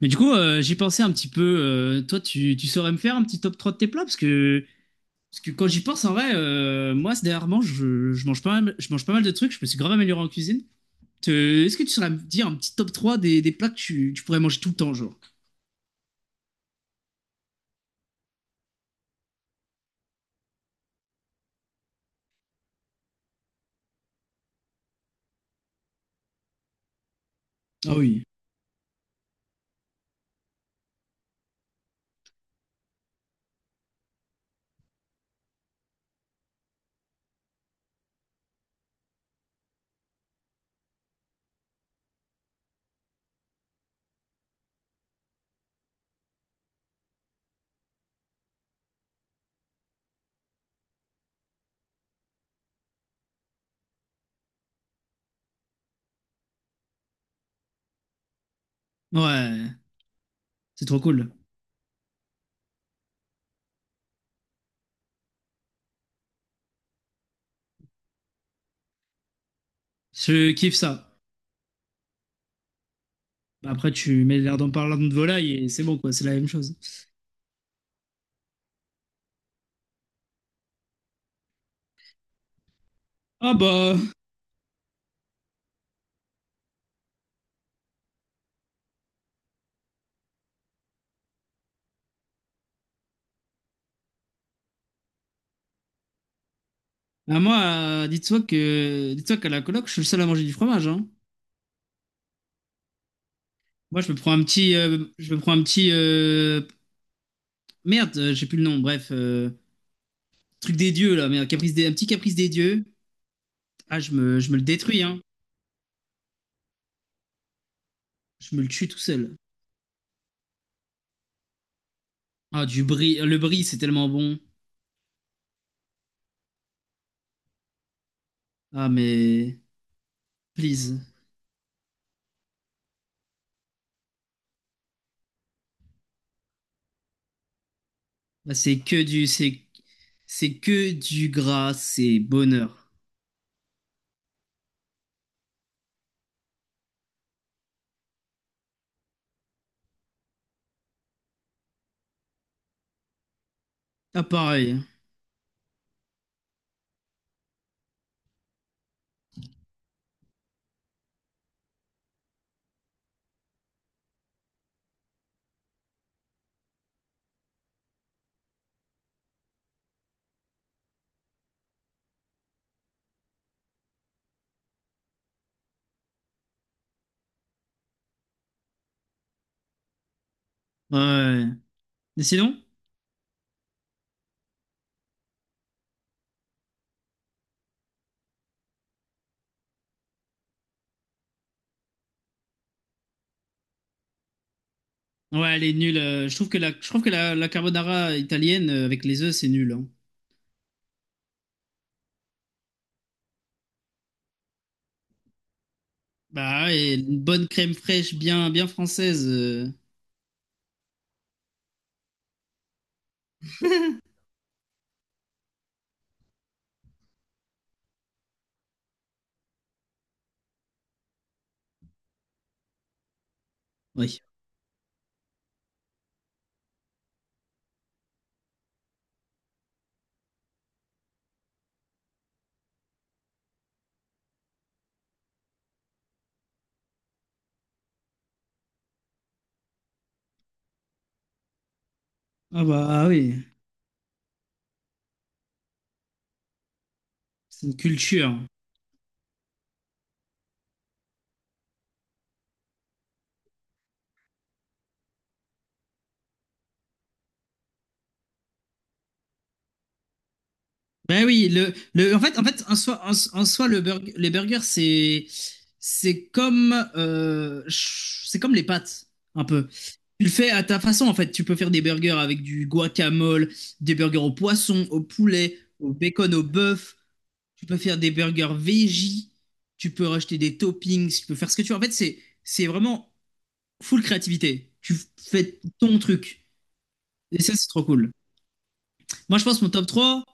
Mais du coup, j'y pensais un petit peu. Toi, tu saurais me faire un petit top 3 de tes plats? Parce que quand j'y pense, en vrai, moi, ces dernièrement, je mange pas mal, je mange pas mal de trucs. Je me suis grave amélioré en cuisine. Te- Est-ce que tu saurais me dire un petit top 3 des plats que tu pourrais manger tout le temps, genre? Ah oui. Ouais, c'est trop cool. Je kiffe ça. Bah, après, tu mets l'air d'en parler de volaille et c'est bon, quoi, c'est la même chose. Ah bah, moi, dites-toi qu'à la coloc, je suis le seul à manger du fromage, hein. Moi, je me prends un petit, Je me prends un petit, merde, j'ai plus le nom. Bref, truc des dieux là, merde, caprice des, un petit caprice des dieux. Ah, je me le détruis, hein. Je me le tue tout seul. Ah, du bris, le bris, c'est tellement bon. Ah, mais please. Bah, c'est que du gras, c'est bonheur. Ah, pareil. Hein. Ouais. Mais sinon, ouais, elle est nulle. Je trouve que la carbonara italienne, avec les œufs, c'est nul. Hein. Bah, et une bonne crème fraîche, bien, bien française. Oui. Ah bah, ah oui, c'est une culture. Ben oui, en fait, en soi, en soi, les burgers, c'est comme, c'est comme les pâtes, un peu. Tu le fais à ta façon, en fait. Tu peux faire des burgers avec du guacamole, des burgers au poisson, au poulet, au bacon, au bœuf. Tu peux faire des burgers veggie. Tu peux rajouter des toppings. Tu peux faire ce que tu veux. En fait, c'est vraiment full créativité. Tu fais ton truc. Et ça, c'est trop cool. Moi, je pense que mon top 3.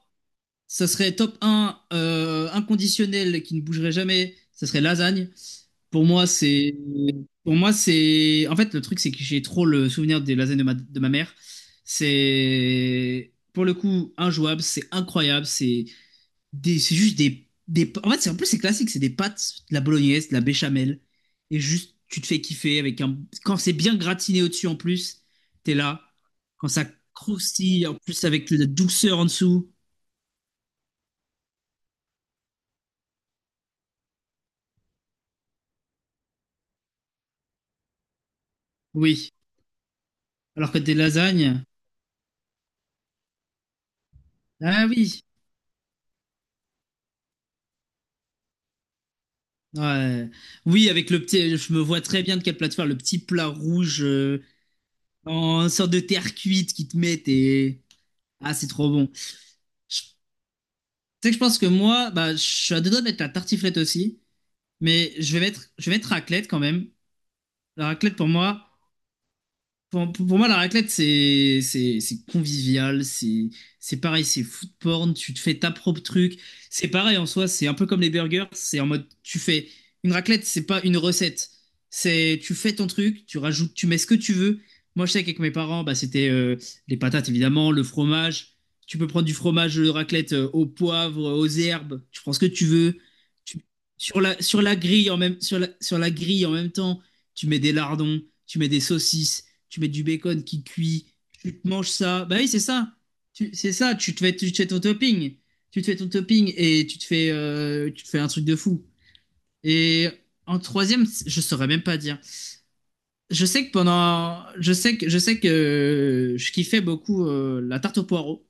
Ça serait top un, inconditionnel qui ne bougerait jamais. Ça serait lasagne. Pour moi, c'est. Pour moi, c'est. En fait, le truc, c'est que j'ai trop le souvenir des lasagnes de ma mère. C'est. Pour le coup, injouable, c'est incroyable. C'est juste des. En fait, c'est en plus, c'est classique. C'est des pâtes, de la bolognaise, de la béchamel. Et juste, tu te fais kiffer avec un. Quand c'est bien gratiné au-dessus, en plus, t'es là. Quand ça croustille, en plus, avec la douceur en dessous. Oui. Alors que des lasagnes, ah oui, ouais. Oui, avec le petit, je me vois très bien de quelle plateforme, le petit plat rouge, en sorte de terre cuite qui te mettent et ah c'est trop bon. Je- Tu sais que je pense que moi, bah je suis à deux doigts de mettre la tartiflette aussi, mais je vais mettre raclette quand même. La raclette pour moi. Pour moi, la raclette, c'est convivial, c'est pareil, c'est food porn, tu te fais ta propre truc. C'est pareil en soi, c'est un peu comme les burgers, c'est en mode, tu fais une raclette, c'est pas une recette. C'est tu fais ton truc, tu rajoutes, tu mets ce que tu veux. Moi, je sais qu'avec mes parents, bah, c'était, les patates évidemment, le fromage. Tu peux prendre du fromage de raclette, au poivre, aux herbes, tu prends ce que tu veux. Tu- sur la, sur la grille en même temps, tu mets des lardons, tu mets des saucisses, tu mets du bacon qui cuit, tu te manges ça. Bah oui, c'est ça. C'est ça, tu te fais ton topping. Tu te fais ton topping et tu te fais un truc de fou. Et en troisième, je saurais même pas dire. Je sais que pendant. Je sais que je kiffais beaucoup, la tarte aux poireaux.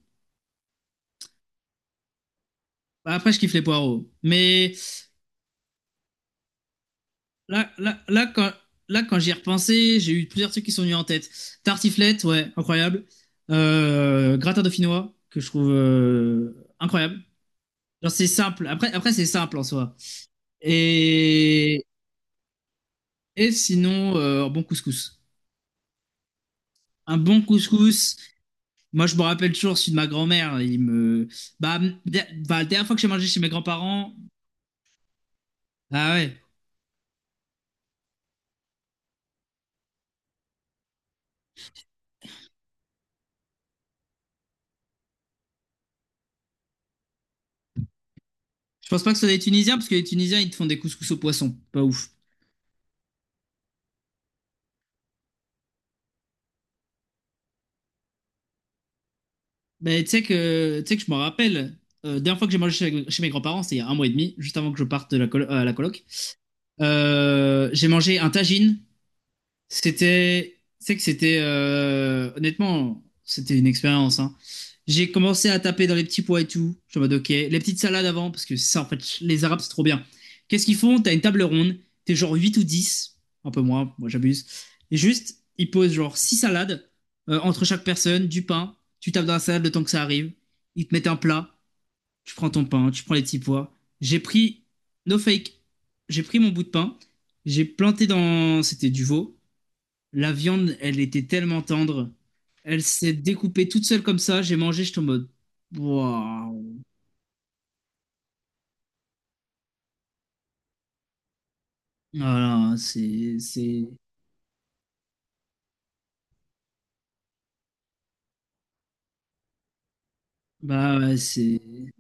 Bah, après, je kiffe les poireaux. Mais là, là, quand j'y ai repensé, j'ai eu plusieurs trucs qui sont venus en tête. Tartiflette, ouais, incroyable. Gratin dauphinois, que je trouve, incroyable. Genre, c'est simple. Après c'est simple en soi. Et, et sinon, un bon couscous. Un bon couscous. Moi, je me rappelle toujours celui de ma grand-mère. Il me. Bah, bah, la dernière fois que j'ai mangé chez mes grands-parents. Ah ouais. Je pense pas que ce soit des Tunisiens, parce que les Tunisiens, ils te font des couscous au poisson. Pas ouf. Mais tu sais que je me rappelle. Dernière fois que j'ai mangé chez mes grands-parents, c'était il y a un mois et demi, juste avant que je parte de à la coloc. J'ai mangé un tagine. C'était, honnêtement, c'était une expérience, hein. J'ai commencé à taper dans les petits pois et tout. Je suis en mode, ok, les petites salades avant, parce que ça, en fait, les Arabes, c'est trop bien. Qu'est-ce qu'ils font? T'as une table ronde, t'es genre 8 ou 10, un peu moins, moi j'abuse. Et juste, ils posent genre 6 salades, entre chaque personne, du pain. Tu tapes dans la salade le temps que ça arrive. Ils te mettent un plat, tu prends ton pain, tu prends les petits pois. J'ai pris, no fake, j'ai pris mon bout de pain, j'ai planté dans, c'était du veau. La viande, elle était tellement tendre. Elle s'est découpée toute seule comme ça. J'ai mangé, j'étais en mode. Waouh. Voilà, c'est. Bah ouais, c'est.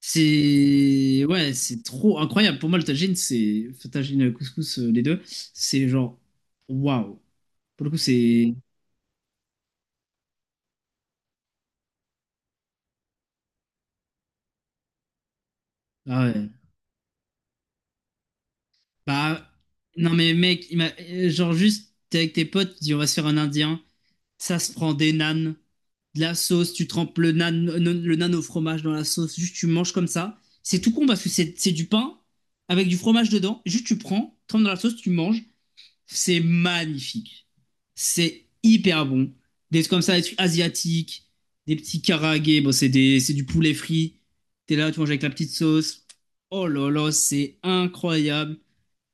C'est. Ouais, c'est trop incroyable. Pour moi, le tagine, c'est, enfin, tagine et le couscous, les deux. C'est genre. Waouh. Pour le coup, c'est. Ah ouais. Bah. Non, mais mec, genre juste, t'es avec tes potes, tu dis on va se faire un indien. Ça se prend des nanes, de la sauce, tu trempes le nan au fromage dans la sauce, juste tu manges comme ça. C'est tout con parce que c'est du pain avec du fromage dedans, juste tu prends, trempes dans la sauce, tu manges. C'est magnifique. C'est hyper bon. Des trucs comme ça, des trucs asiatiques, des petits karaage, bon, c'est du poulet frit. T'es là, tu manges avec la petite sauce. Oh là là, c'est incroyable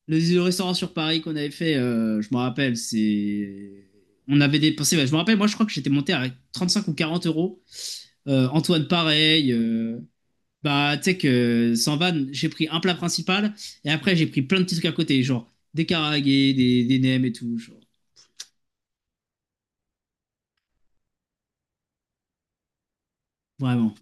le restaurant sur Paris qu'on avait fait, je me rappelle, c'est. On avait dépensé, bah, je me rappelle, moi je crois que j'étais monté à 35 ou 40 euros. Antoine, pareil. Tu sais que sans vanne, j'ai pris un plat principal et après j'ai pris plein de petits trucs à côté, genre des karaagés, des nems et tout. Genre. Vraiment.